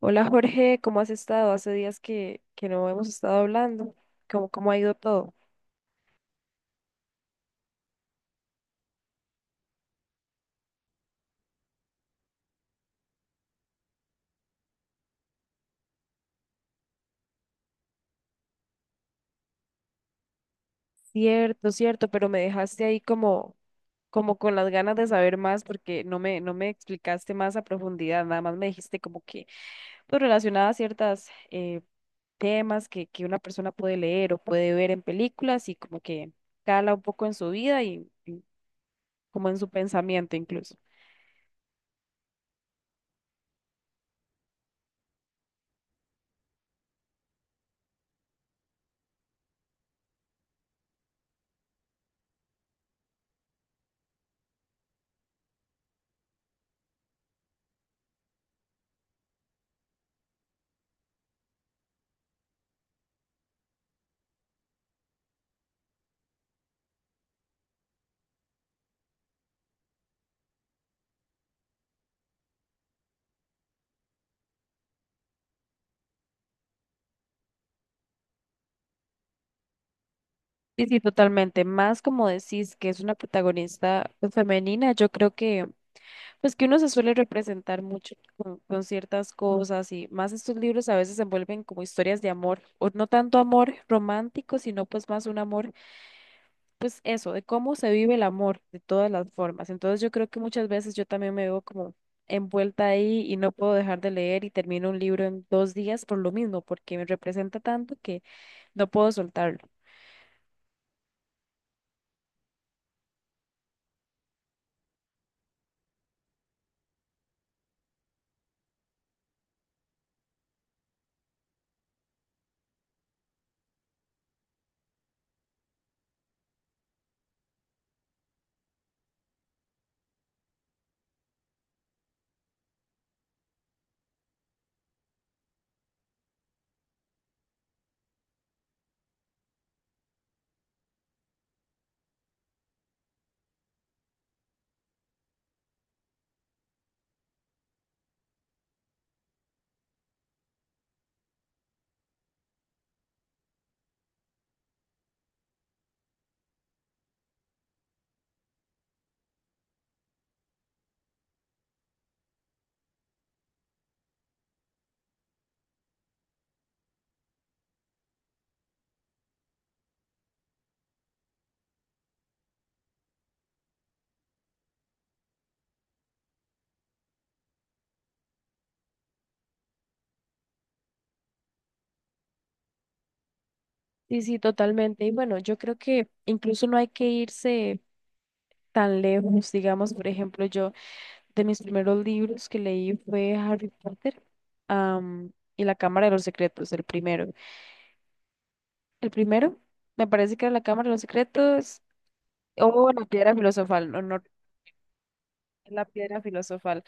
Hola Jorge, ¿cómo has estado? Hace días que no hemos estado hablando. ¿Cómo ha ido todo? Cierto, cierto, pero me dejaste ahí como, como con las ganas de saber más porque no me explicaste más a profundidad, nada más me dijiste como que pues, relacionada a ciertas temas que una persona puede leer o puede ver en películas y como que cala un poco en su vida y como en su pensamiento incluso. Sí, sí, totalmente. Más como decís que es una protagonista pues, femenina, yo creo que pues que uno se suele representar mucho con ciertas cosas y más estos libros a veces se envuelven como historias de amor, o no tanto amor romántico, sino pues más un amor, pues eso, de cómo se vive el amor de todas las formas. Entonces yo creo que muchas veces yo también me veo como envuelta ahí y no puedo dejar de leer y termino un libro en 2 días por lo mismo, porque me representa tanto que no puedo soltarlo. Sí, sí, totalmente. Y bueno, yo creo que incluso no hay que irse tan lejos. Digamos, por ejemplo, yo de mis primeros libros que leí fue Harry Potter, am, y La Cámara de los Secretos, el primero. El primero me parece que era La Cámara de los Secretos o La Piedra Filosofal, no, no, La Piedra Filosofal.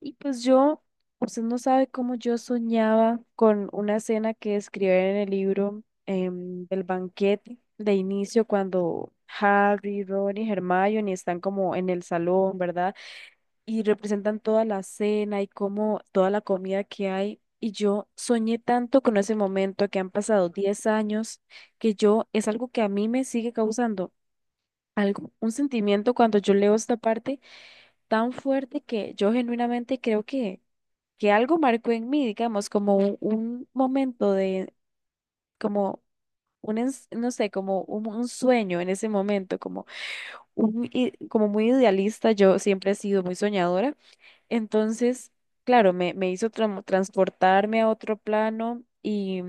Y pues yo, usted no sabe cómo yo soñaba con una escena que escribe en el libro del banquete de inicio cuando Harry, Ron y Hermione están como en el salón, ¿verdad? Y representan toda la cena y como toda la comida que hay. Y yo soñé tanto con ese momento que han pasado 10 años, que yo es algo que a mí me sigue causando algo, un sentimiento cuando yo leo esta parte tan fuerte que yo genuinamente creo que algo marcó en mí, digamos, como un momento de, como no sé, como un sueño en ese momento, como, como muy idealista, yo siempre he sido muy soñadora. Entonces, claro, me hizo transportarme a otro plano y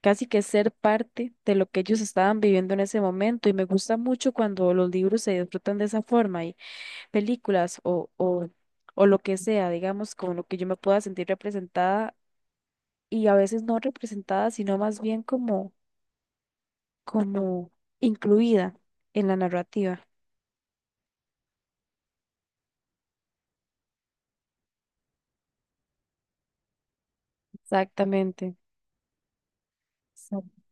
casi que ser parte de lo que ellos estaban viviendo en ese momento. Y me gusta mucho cuando los libros se disfrutan de esa forma y películas o lo que sea, digamos, con lo que yo me pueda sentir representada y a veces no representada, sino más bien como, como incluida en la narrativa. Exactamente. Exacto.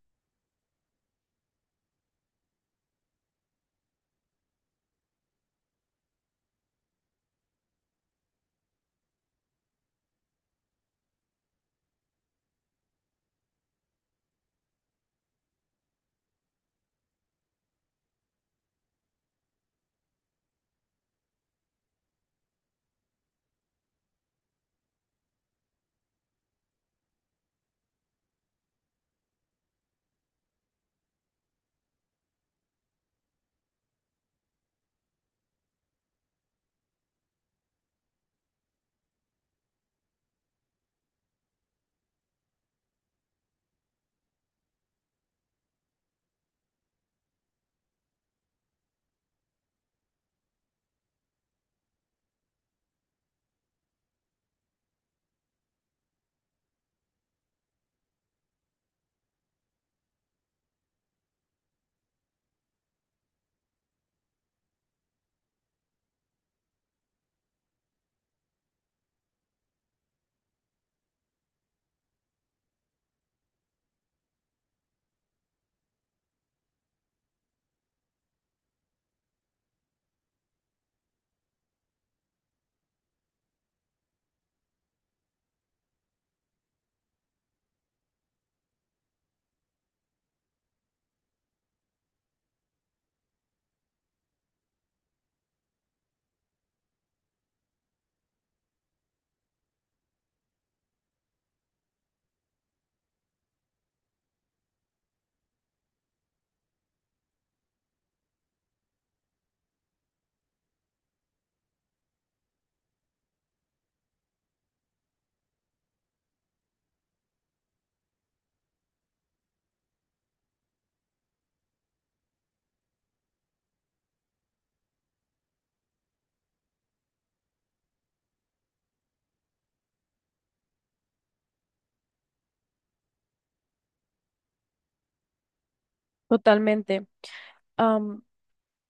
Totalmente.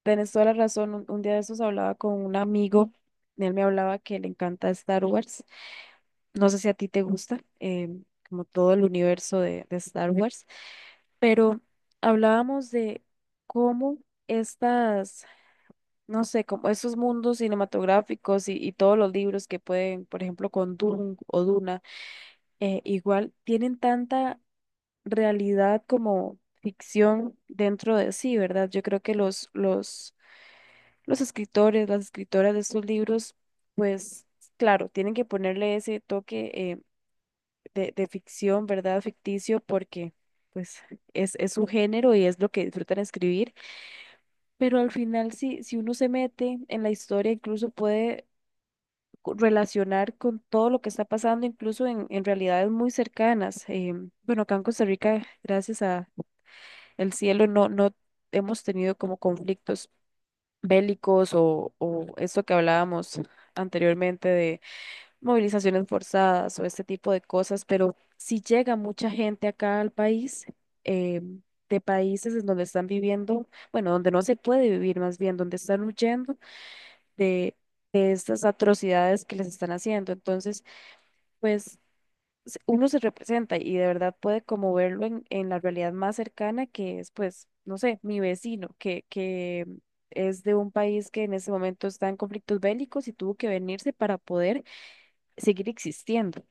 Tenés toda la razón. Un día de esos hablaba con un amigo. Él me hablaba que le encanta Star Wars. No sé si a ti te gusta, como todo el universo de Star Wars, pero hablábamos de cómo estas, no sé, como esos mundos cinematográficos y todos los libros que pueden, por ejemplo, con Dune o Duna, igual tienen tanta realidad como ficción dentro de sí, ¿verdad? Yo creo que los escritores, las escritoras de estos libros, pues claro, tienen que ponerle ese toque de ficción, ¿verdad? Ficticio, porque pues es su género y es lo que disfrutan escribir. Pero al final, si uno se mete en la historia, incluso puede relacionar con todo lo que está pasando, incluso en realidades muy cercanas. Bueno, acá en Costa Rica, gracias a el cielo, no, no hemos tenido como conflictos bélicos o esto que hablábamos anteriormente de movilizaciones forzadas o este tipo de cosas, pero si llega mucha gente acá al país, eh, de países en donde están viviendo, bueno, donde no se puede vivir más bien, donde están huyendo de, de estas atrocidades que les están haciendo. Entonces, pues uno se representa y de verdad puede como verlo en la realidad más cercana que es, pues, no sé, mi vecino, que es de un país que en ese momento está en conflictos bélicos y tuvo que venirse para poder seguir existiendo.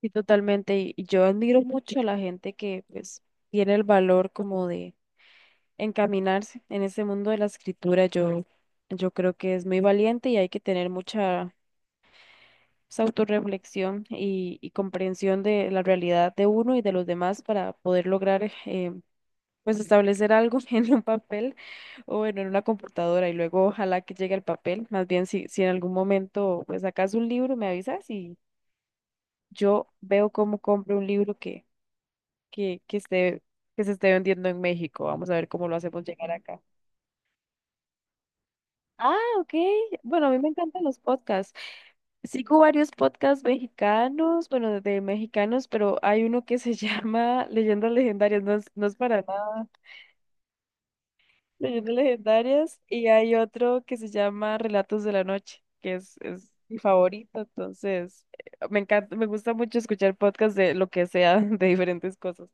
Sí, totalmente. Y yo admiro mucho a la gente que, pues, tiene el valor como de encaminarse en ese mundo de la escritura. Yo creo que es muy valiente y hay que tener mucha esa autorreflexión y comprensión de la realidad de uno y de los demás para poder lograr pues establecer algo en un papel o bueno, en una computadora y luego ojalá que llegue al papel. Más bien si en algún momento pues sacas un libro, me avisas y yo veo cómo compro un libro que esté, que se esté vendiendo en México. Vamos a ver cómo lo hacemos llegar acá. Ah, ok. Bueno, a mí me encantan los podcasts. Sigo varios podcasts mexicanos, bueno, de mexicanos, pero hay uno que se llama Leyendas Legendarias, no es, no es para nada. Leyendas Legendarias, y hay otro que se llama Relatos de la Noche, es mi favorito, entonces me encanta, me gusta mucho escuchar podcasts de lo que sea, de diferentes cosas.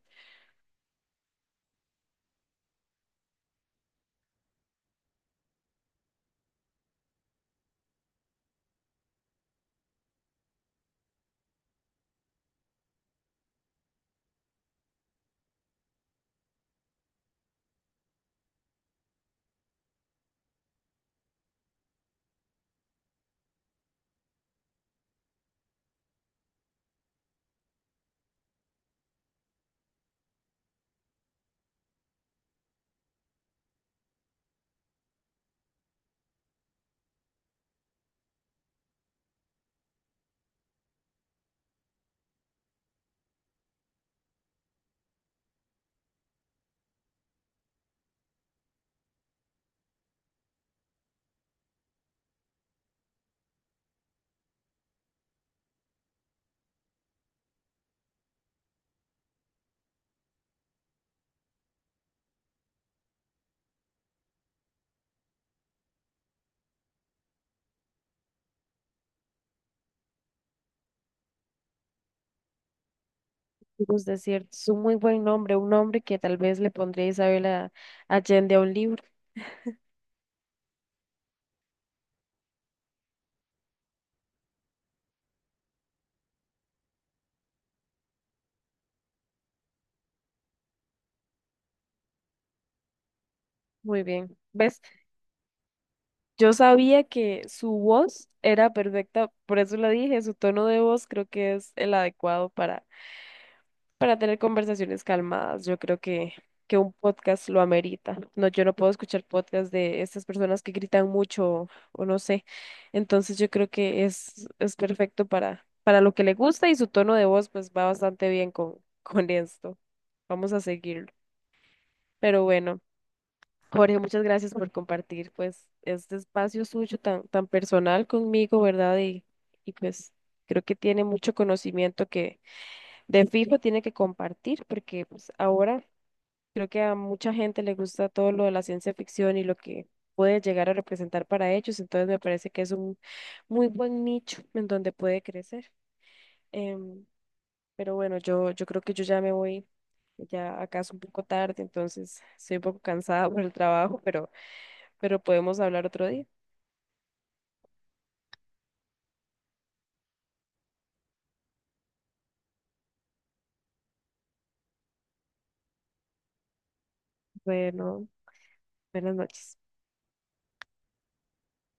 Los desiertos, es un muy buen nombre, un nombre que tal vez le pondría Allende a un libro. Muy bien. ¿Ves? Yo sabía que su voz era perfecta, por eso la dije, su tono de voz creo que es el adecuado para tener conversaciones calmadas. Yo creo que un podcast lo amerita. No, yo no puedo escuchar podcast de estas personas que gritan mucho o no sé. Entonces yo creo que es perfecto para lo que le gusta y su tono de voz pues va bastante bien con esto. Vamos a seguirlo. Pero bueno. Jorge, muchas gracias por compartir pues este espacio suyo tan personal conmigo, ¿verdad? Y pues creo que tiene mucho conocimiento que de fijo tiene que compartir porque pues ahora creo que a mucha gente le gusta todo lo de la ciencia ficción y lo que puede llegar a representar para ellos, entonces me parece que es un muy buen nicho en donde puede crecer. Em, pero bueno, yo creo que yo ya me voy, ya acaso un poco tarde, entonces estoy un poco cansada por el trabajo, pero podemos hablar otro día. Bueno, buenas noches.